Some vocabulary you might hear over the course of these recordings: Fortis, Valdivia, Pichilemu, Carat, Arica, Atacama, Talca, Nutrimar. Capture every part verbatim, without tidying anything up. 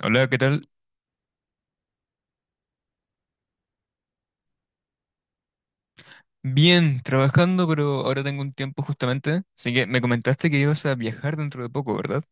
Hola, ¿qué tal? Bien, trabajando, pero ahora tengo un tiempo justamente. Así que me comentaste que ibas a viajar dentro de poco, ¿verdad?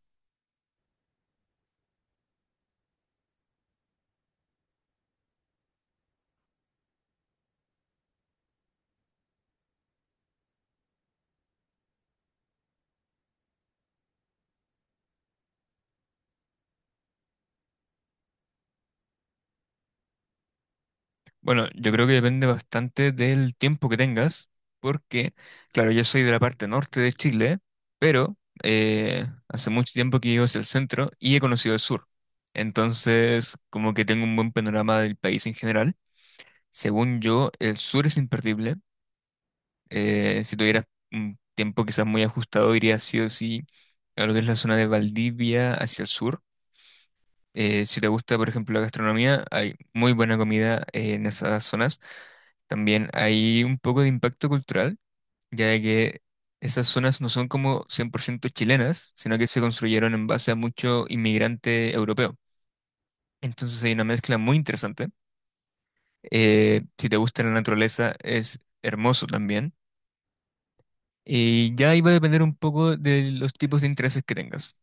Bueno, yo creo que depende bastante del tiempo que tengas, porque, claro, yo soy de la parte norte de Chile, pero eh, hace mucho tiempo que vivo hacia el centro y he conocido el sur. Entonces, como que tengo un buen panorama del país en general. Según yo, el sur es imperdible. Eh, si tuvieras un tiempo quizás muy ajustado, irías sí o sí a lo que es la zona de Valdivia hacia el sur. Eh, si te gusta, por ejemplo, la gastronomía, hay muy buena comida eh, en esas zonas. También hay un poco de impacto cultural, ya de que esas zonas no son como cien por ciento chilenas, sino que se construyeron en base a mucho inmigrante europeo. Entonces hay una mezcla muy interesante. Eh, si te gusta la naturaleza, es hermoso también. Y ya iba a depender un poco de los tipos de intereses que tengas.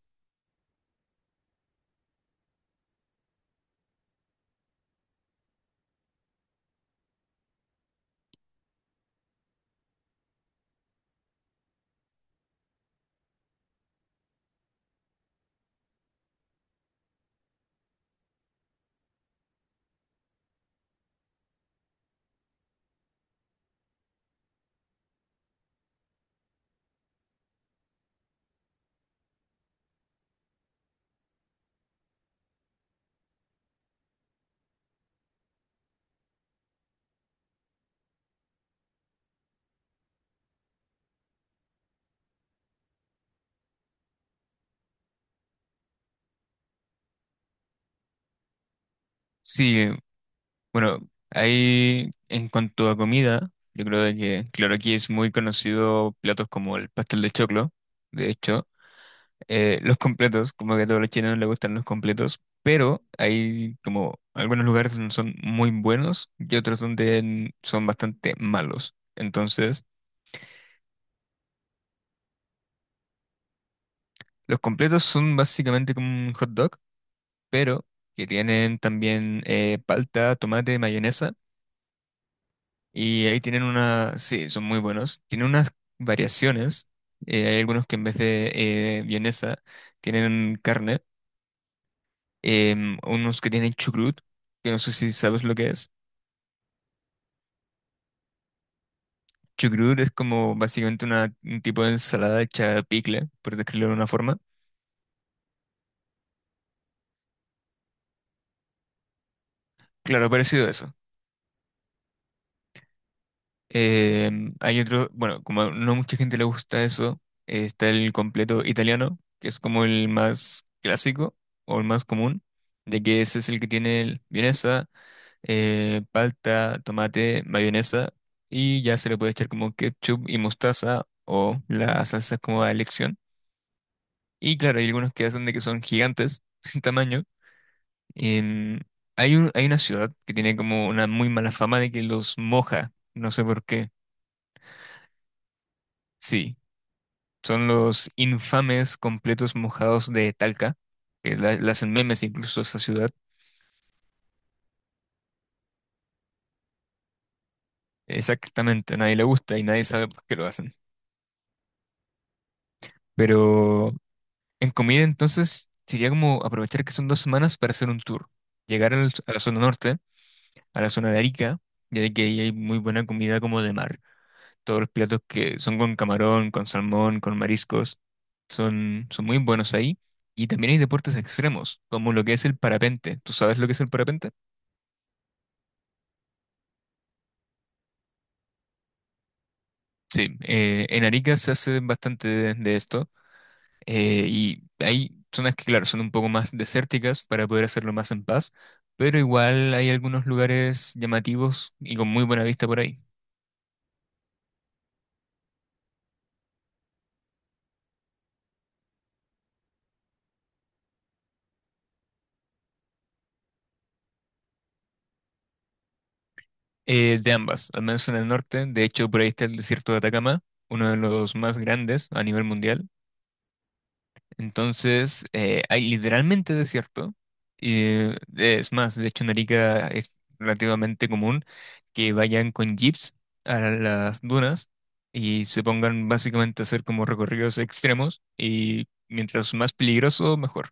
Sí, eh, bueno, ahí en cuanto a comida, yo creo de que, claro, aquí es muy conocido platos como el pastel de choclo, de hecho, eh, los completos, como que a todos los chilenos les gustan los completos, pero hay como algunos lugares donde son muy buenos y otros donde n- son bastante malos. Entonces, los completos son básicamente como un hot dog, pero que tienen también eh, palta, tomate, mayonesa. Y ahí tienen una, sí, son muy buenos. Tienen unas variaciones. Eh, hay algunos que en vez de eh, vienesa tienen carne. Em, unos que tienen chucrut, que no sé si sabes lo que es. Chucrut es como básicamente una, un tipo de ensalada hecha picle, por describirlo de una forma. Claro, parecido a eso. Em, hay otro, bueno, como no mucha gente le gusta eso, eh, está el completo italiano, que es como el más clásico o el más común, de que ese es el que tiene el vienesa, eh, palta, tomate, mayonesa, y ya se le puede echar como ketchup y mostaza o la salsa como a elección. Y claro, hay algunos que hacen de que son gigantes en tamaño. En- hay un- hay una ciudad que tiene como una muy mala fama de que los moja, no sé por qué. Sí, son los infames completos mojados de Talca, que la, la hacen memes incluso a esa ciudad. Exactamente, a nadie le gusta y nadie sabe por qué lo hacen. Pero en comida, entonces, sería como aprovechar que son dos semanas para hacer un tour. Llegar al- a la zona norte, a la zona de Arica, ya de que ahí hay muy buena comida como de mar. Todos los platos que son con camarón, con salmón, con mariscos, son, son muy buenos ahí. Y también hay deportes extremos, como lo que es el parapente. ¿Tú sabes lo que es el parapente? Sí, eh, en Arica se hace bastante de, de esto. Eh, y hay zonas que, claro, son un poco más desérticas para poder hacerlo más en paz, pero igual hay algunos lugares llamativos y con muy buena vista por ahí. Eh, de ambas, al menos en el norte, de hecho por ahí está el desierto de Atacama, uno de los más grandes a nivel mundial. Entonces, eh, hay literalmente desierto. Y eh, es más, de hecho en Arica es relativamente común que vayan con jeeps a las dunas y se pongan básicamente a hacer como recorridos extremos y mientras más peligroso, mejor.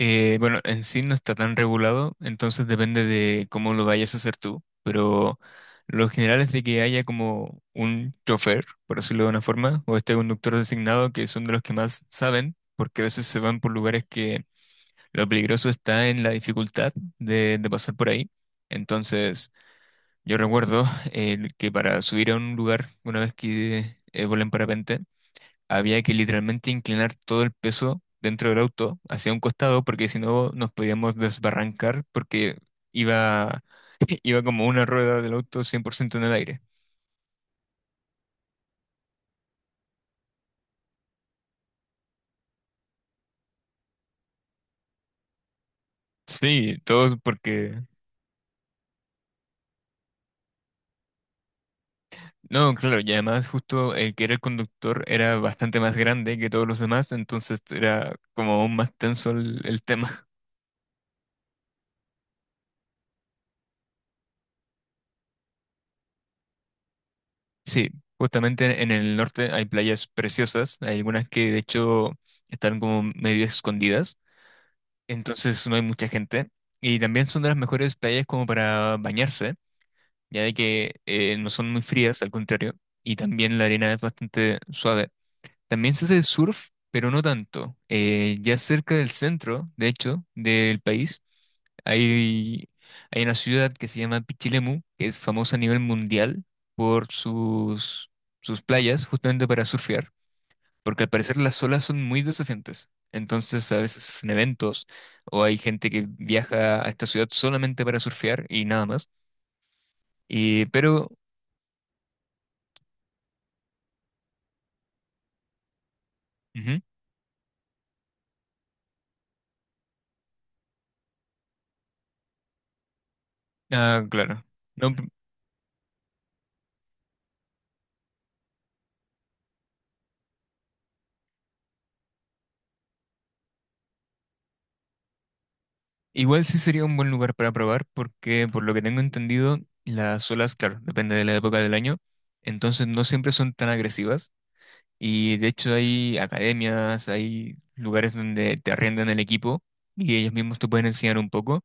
Eh, bueno, en sí no está tan regulado, entonces depende de cómo lo vayas a hacer tú, pero lo general es de que haya como un chofer, por decirlo de una forma, o este conductor designado, que son de los que más saben, porque a veces se van por lugares que lo peligroso está en la dificultad de, de pasar por ahí. Entonces, yo recuerdo eh, que para subir a un lugar, una vez que eh, volé en parapente, había que literalmente inclinar todo el peso dentro del auto hacia un costado porque si no nos podíamos desbarrancar porque iba, iba como una rueda del auto cien por ciento en el aire. Sí, todos porque... No, claro, y además justo el que era el conductor era bastante más grande que todos los demás, entonces era como aún más tenso el, el tema. Sí, justamente en el norte hay playas preciosas, hay algunas que de hecho están como medio escondidas entonces no hay mucha gente. Y también son de las mejores playas como para bañarse, ya de que eh, no son muy frías, al contrario. Y también la arena es bastante suave. También se hace surf, pero no tanto. Eh, ya cerca del centro, de hecho, del país, hay, hay una ciudad que se llama Pichilemu, que es famosa a nivel mundial por sus, sus playas, justamente para surfear porque al parecer las olas son muy desafiantes. Entonces a veces hacen eventos o hay gente que viaja a esta ciudad solamente para surfear y nada más. Y, pero, ujú. Ah, claro. No, p- igual sí sería un buen lugar para probar porque por lo que tengo entendido, las olas, claro, depende de la época del año, entonces no siempre son tan agresivas. Y de hecho hay academias, hay lugares donde te arriendan el equipo y ellos mismos te pueden enseñar un poco.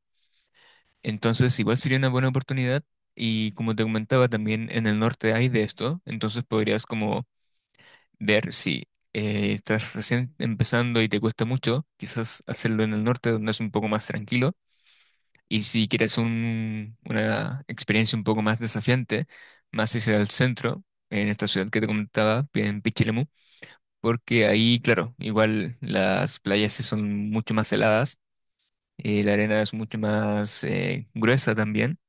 Entonces, igual sería una buena oportunidad y como te comentaba, también en el norte hay de esto, entonces podrías como ver si eh, estás recién empezando y te cuesta mucho, quizás hacerlo en el norte donde es un poco más tranquilo, y si quieres un- una experiencia un poco más desafiante, más hacia el centro, en esta ciudad que te comentaba, en Pichilemu, porque ahí, claro, igual las playas sí son mucho más heladas, eh, la arena es mucho más eh, gruesa también.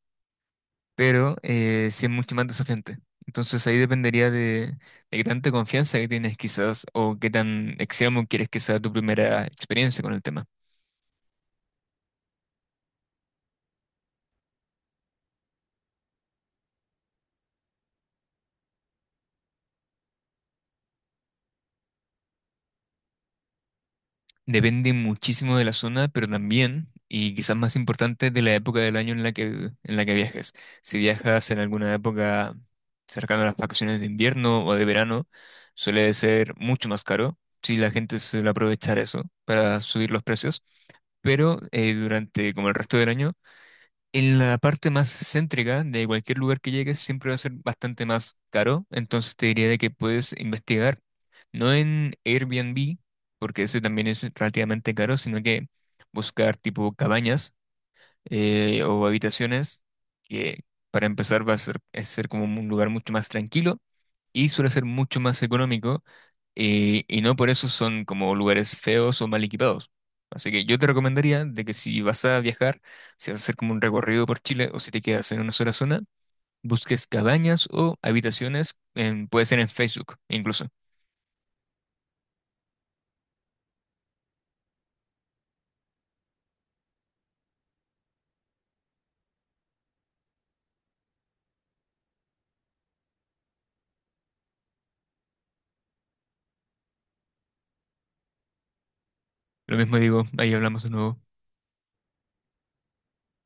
Pero eh, sí es mucho más desafiante. Entonces ahí dependería de, de qué tanta confianza que tienes quizás o qué tan extremo quieres que sea tu primera experiencia con el tema. Depende muchísimo de la zona, pero también, y quizás más importante, de la época del año en la que, en la que viajes. Si viajas en alguna época cercana a las vacaciones de invierno o de verano, suele ser mucho más caro. Si la gente suele aprovechar eso para subir los precios, pero eh, durante como el resto del año, en la parte más céntrica de cualquier lugar que llegues siempre va a ser bastante más caro, entonces te diría de que puedes investigar, no en Airbnb, porque ese también es relativamente caro, sino que buscar tipo cabañas, eh, o habitaciones, que para empezar va a ser, es ser como un lugar mucho más tranquilo y suele ser mucho más económico, eh, y no por eso son como lugares feos o mal equipados. Así que yo te recomendaría de que si vas a viajar, si vas a hacer como un recorrido por Chile o si te quedas en una sola zona, busques cabañas o habitaciones, en- puede ser en Facebook incluso. Lo mismo digo, ahí hablamos de nuevo.